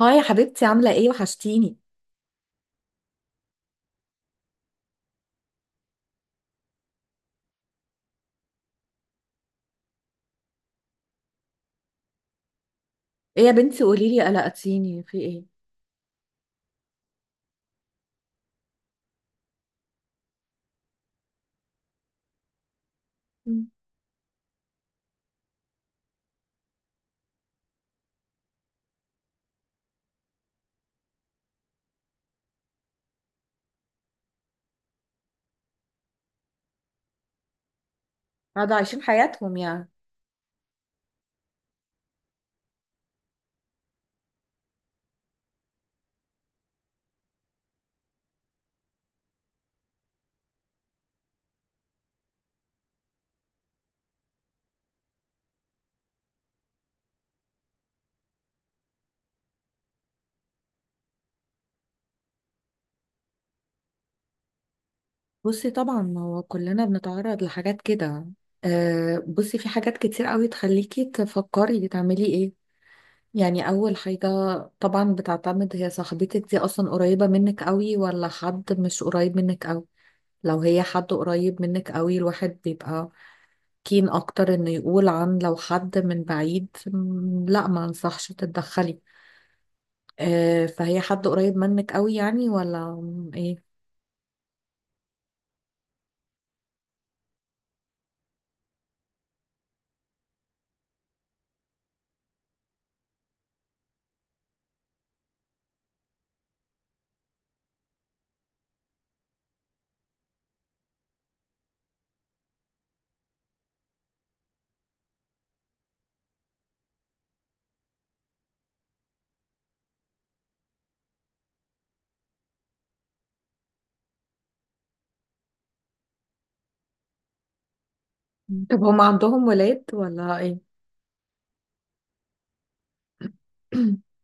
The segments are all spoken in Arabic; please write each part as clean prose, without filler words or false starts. هاي يا حبيبتي، عاملة ايه؟ وحشتيني. ايه يا بنتي، قوليلي، قلقتيني، في ايه؟ مم. قاعدة عايشين حياتهم يعني. بصي، طبعا ما هو كلنا بنتعرض لحاجات كده. آه، بصي، في حاجات كتير قوي تخليكي تفكري تعملي ايه. يعني اول حاجة، طبعا بتعتمد، هي صاحبتك دي اصلا قريبة منك قوي ولا حد مش قريب منك قوي؟ لو هي حد قريب منك قوي، الواحد بيبقى كين اكتر انه يقول. عن لو حد من بعيد، لا، ما انصحش تتدخلي. آه، فهي حد قريب منك قوي يعني ولا ايه؟ طب هم عندهم ولاد ولا ايه؟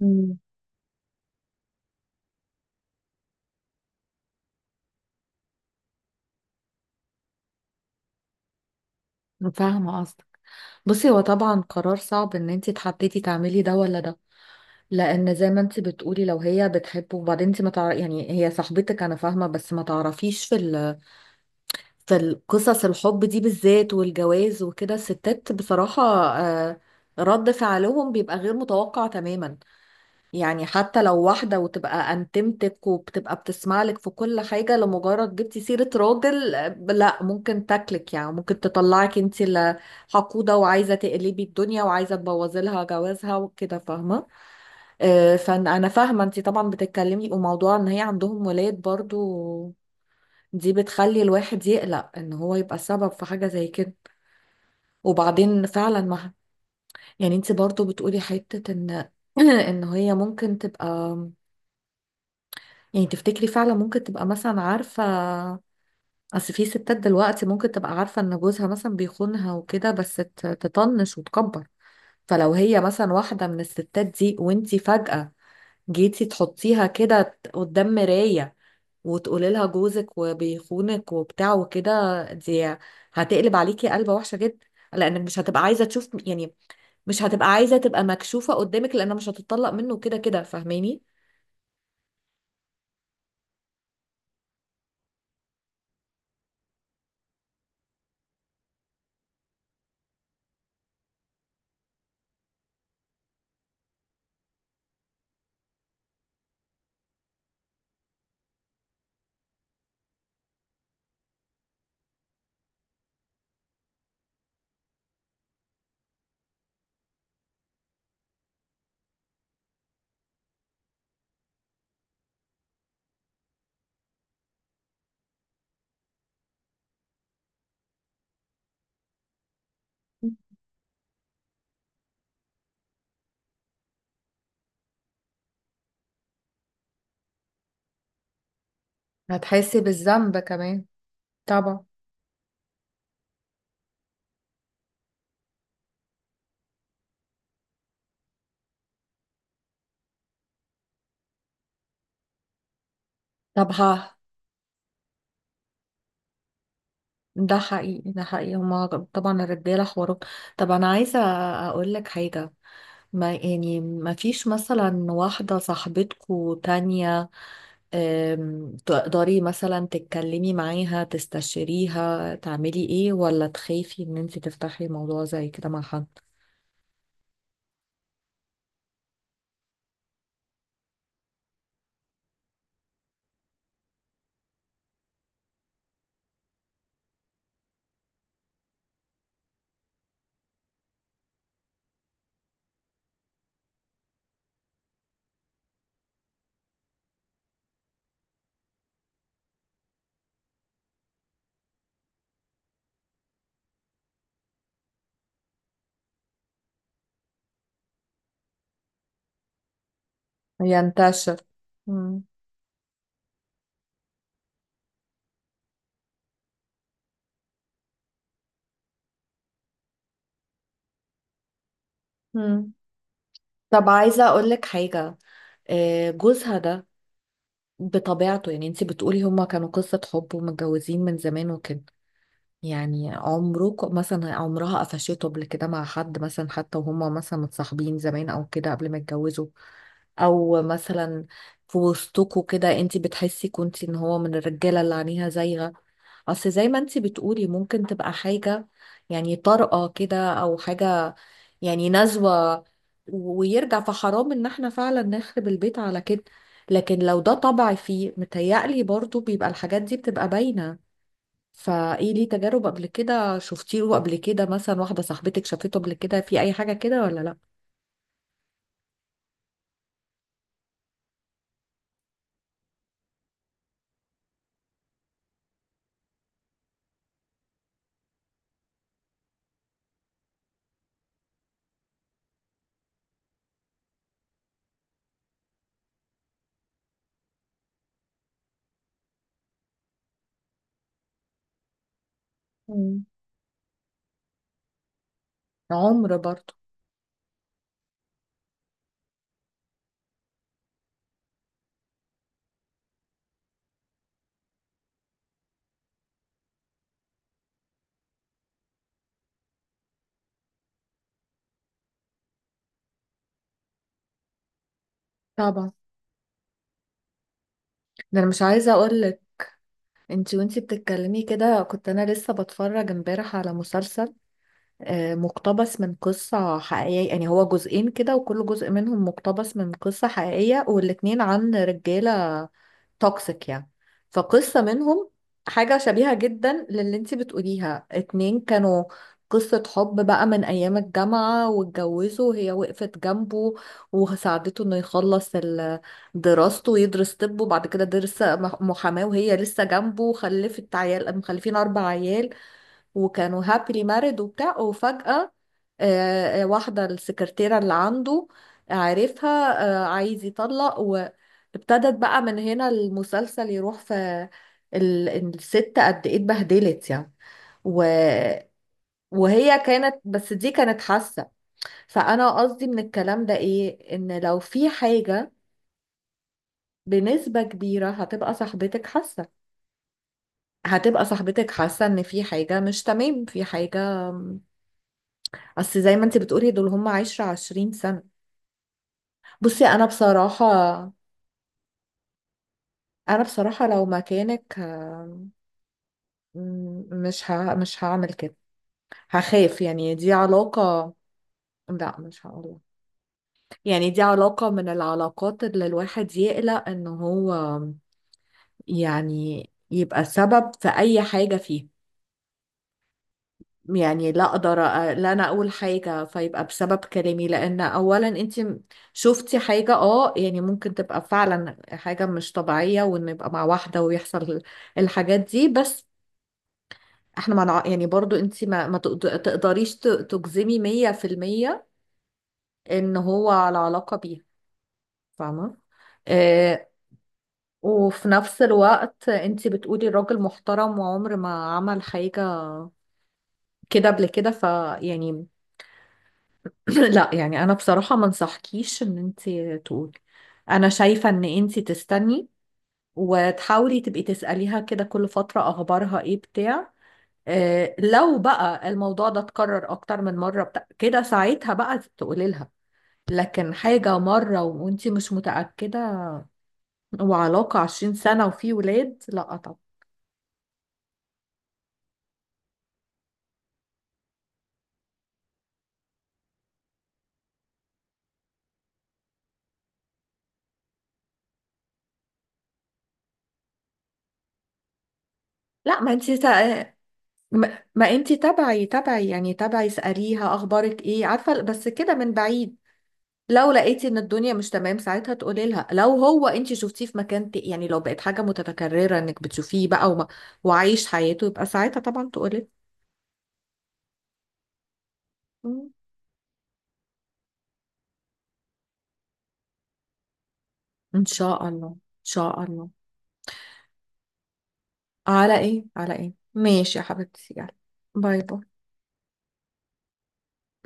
مم، فاهمة قصدك. بصي، هو طبعا قرار صعب ان انت تحددي تعملي ده ولا ده. لان زي ما انت بتقولي، لو هي بتحبه، وبعدين انت ما تعرف، يعني هي صاحبتك، انا فاهمة، بس ما تعرفيش في في القصص الحب دي بالذات، والجواز وكده، الستات بصراحة، آه، رد فعلهم بيبقى غير متوقع تماما. يعني حتى لو واحدة وتبقى انتمتك وبتبقى بتسمع لك في كل حاجة، لمجرد جبتي سيرة راجل، آه، لا، ممكن تاكلك، يعني ممكن تطلعك انت اللي حقودة، وعايزة تقلبي الدنيا، وعايزة تبوظي لها جوازها وكده، فاهمة؟ آه، فانا فاهمة، انت طبعا بتتكلمي، وموضوع ان هي عندهم ولاد برضو، دي بتخلي الواحد يقلق ان هو يبقى سبب في حاجة زي كده. وبعدين فعلا، ما يعني، انت برضو بتقولي حتة ان ان هي ممكن تبقى، يعني تفتكري فعلا ممكن تبقى مثلا، عارفة، أصل في ستات دلوقتي ممكن تبقى عارفة إن جوزها مثلا بيخونها وكده، بس تطنش وتكبر. فلو هي مثلا واحدة من الستات دي وانتي فجأة جيتي تحطيها كده قدام مراية، وتقولي لها جوزك وبيخونك وبتاع وكده، دي هتقلب عليكي قلبة وحشة جدا. لأنك مش هتبقى عايزة تشوف، يعني مش هتبقى عايزة تبقى مكشوفة قدامك، لأنها مش هتطلق منه كده كده، فاهماني؟ هتحسي بالذنب كمان. طبعا. طب ها، ده حقيقي، ده حقيقي، هما طبعا الرجالة حوارهم. طب أنا عايزة أقول لك حاجة، ما يعني ما فيش مثلا واحدة صاحبتكو تانية، تقدري مثلا تتكلمي معاها، تستشيريها تعملي ايه، ولا تخافي ان انت تفتحي موضوع زي كده مع حد ينتشر؟ مم. مم. طب عايزة أقول لك حاجة، آه، جوزها ده بطبيعته، يعني انت بتقولي هما كانوا قصة حب ومتجوزين من زمان وكده، يعني عمرك مثلا عمرها قفشته قبل كده مع حد مثلا، حتى وهما مثلا متصاحبين زمان او كده قبل ما يتجوزوا؟ او مثلا في وسطكوا كده انت بتحسي كنتي ان هو من الرجاله اللي عينيها زايغه؟ اصل زي ما انت بتقولي، ممكن تبقى حاجه يعني طارئه كده او حاجه، يعني نزوه، ويرجع، فحرام ان احنا فعلا نخرب البيت على كده. لكن لو ده طبع فيه، متهيألي برضو بيبقى الحاجات دي بتبقى باينه. فايه، ليه تجارب قبل كده شفتيه قبل كده؟ مثلا واحدة صاحبتك شافته قبل كده في اي حاجة كده ولا لا؟ مم. عمر برضه. طبعا، ده انا مش عايزه اقول لك، انت وانت بتتكلمي كده، كنت انا لسه بتفرج امبارح على مسلسل، آه، مقتبس من قصة حقيقية، يعني هو جزئين كده، وكل جزء منهم مقتبس من قصة حقيقية، والاتنين عن رجالة توكسيك يعني. فقصة منهم حاجة شبيهة جدا للي انتي بتقوليها، اتنين كانوا قصة حب بقى من أيام الجامعة، واتجوزوا، وهي وقفت جنبه وساعدته إنه يخلص دراسته، ويدرس طب، وبعد كده درس محاماة، وهي لسه جنبه، وخلفت عيال، مخلفين 4 عيال، وكانوا هابلي مارد وبتاع، وفجأة واحدة السكرتيرة اللي عنده عارفها، عايز يطلق. وابتدت بقى من هنا المسلسل يروح في ال- الست قد ايه اتبهدلت يعني، و... وهي كانت، بس دي كانت حاسة. فأنا قصدي من الكلام ده إيه، إن لو في حاجة بنسبة كبيرة هتبقى صاحبتك حاسة إن في حاجة مش تمام، في حاجة، اصل زي ما انت بتقولي دول هم 10-20 سنة. بصي انا بصراحة لو مكانك، مش هعمل كده، هخاف، يعني دي علاقة. لا، مش هقول، يعني دي علاقة من العلاقات اللي الواحد يقلق ان هو يعني يبقى سبب في اي حاجة فيه. يعني لا اقدر لا، انا اقول حاجه فيبقى بسبب كلامي، لان اولا انت شفتي حاجه، يعني ممكن تبقى فعلا حاجه مش طبيعيه، وان يبقى مع واحده ويحصل الحاجات دي. بس احنا ما نع- يعني برضو انت ما تقدريش تجزمي 100% ان هو على علاقه بيها، فاهمه؟ آه. وفي نفس الوقت انت بتقولي الراجل محترم وعمر ما عمل حاجه كده قبل كده، فيعني لا، يعني انا بصراحة ما انصحكيش ان انت تقولي. انا شايفة ان انت تستني، وتحاولي تبقي تسأليها كده كل فترة، اخبارها ايه بتاع. آه، لو بقى الموضوع ده اتكرر اكتر من مرة بتاع كده، ساعتها بقى تقولي لها. لكن حاجة مرة وانت مش متأكدة، وعلاقة 20 سنة وفي ولاد، لا طبعا. لا ما انت تا... ما انت تبعي اسأليها اخبارك ايه، عارفة، بس كده من بعيد. لو لقيتي ان الدنيا مش تمام، ساعتها تقولي لها، لو هو انت شفتيه في مكان يعني لو بقت حاجه متكرره انك بتشوفيه بقى وعايش حياته، يبقى ساعتها طبعا تقولي. مم. ان شاء الله، ان شاء الله. على ايه، على ايه، ماشي يا حبيبتي، يلا، باي باي.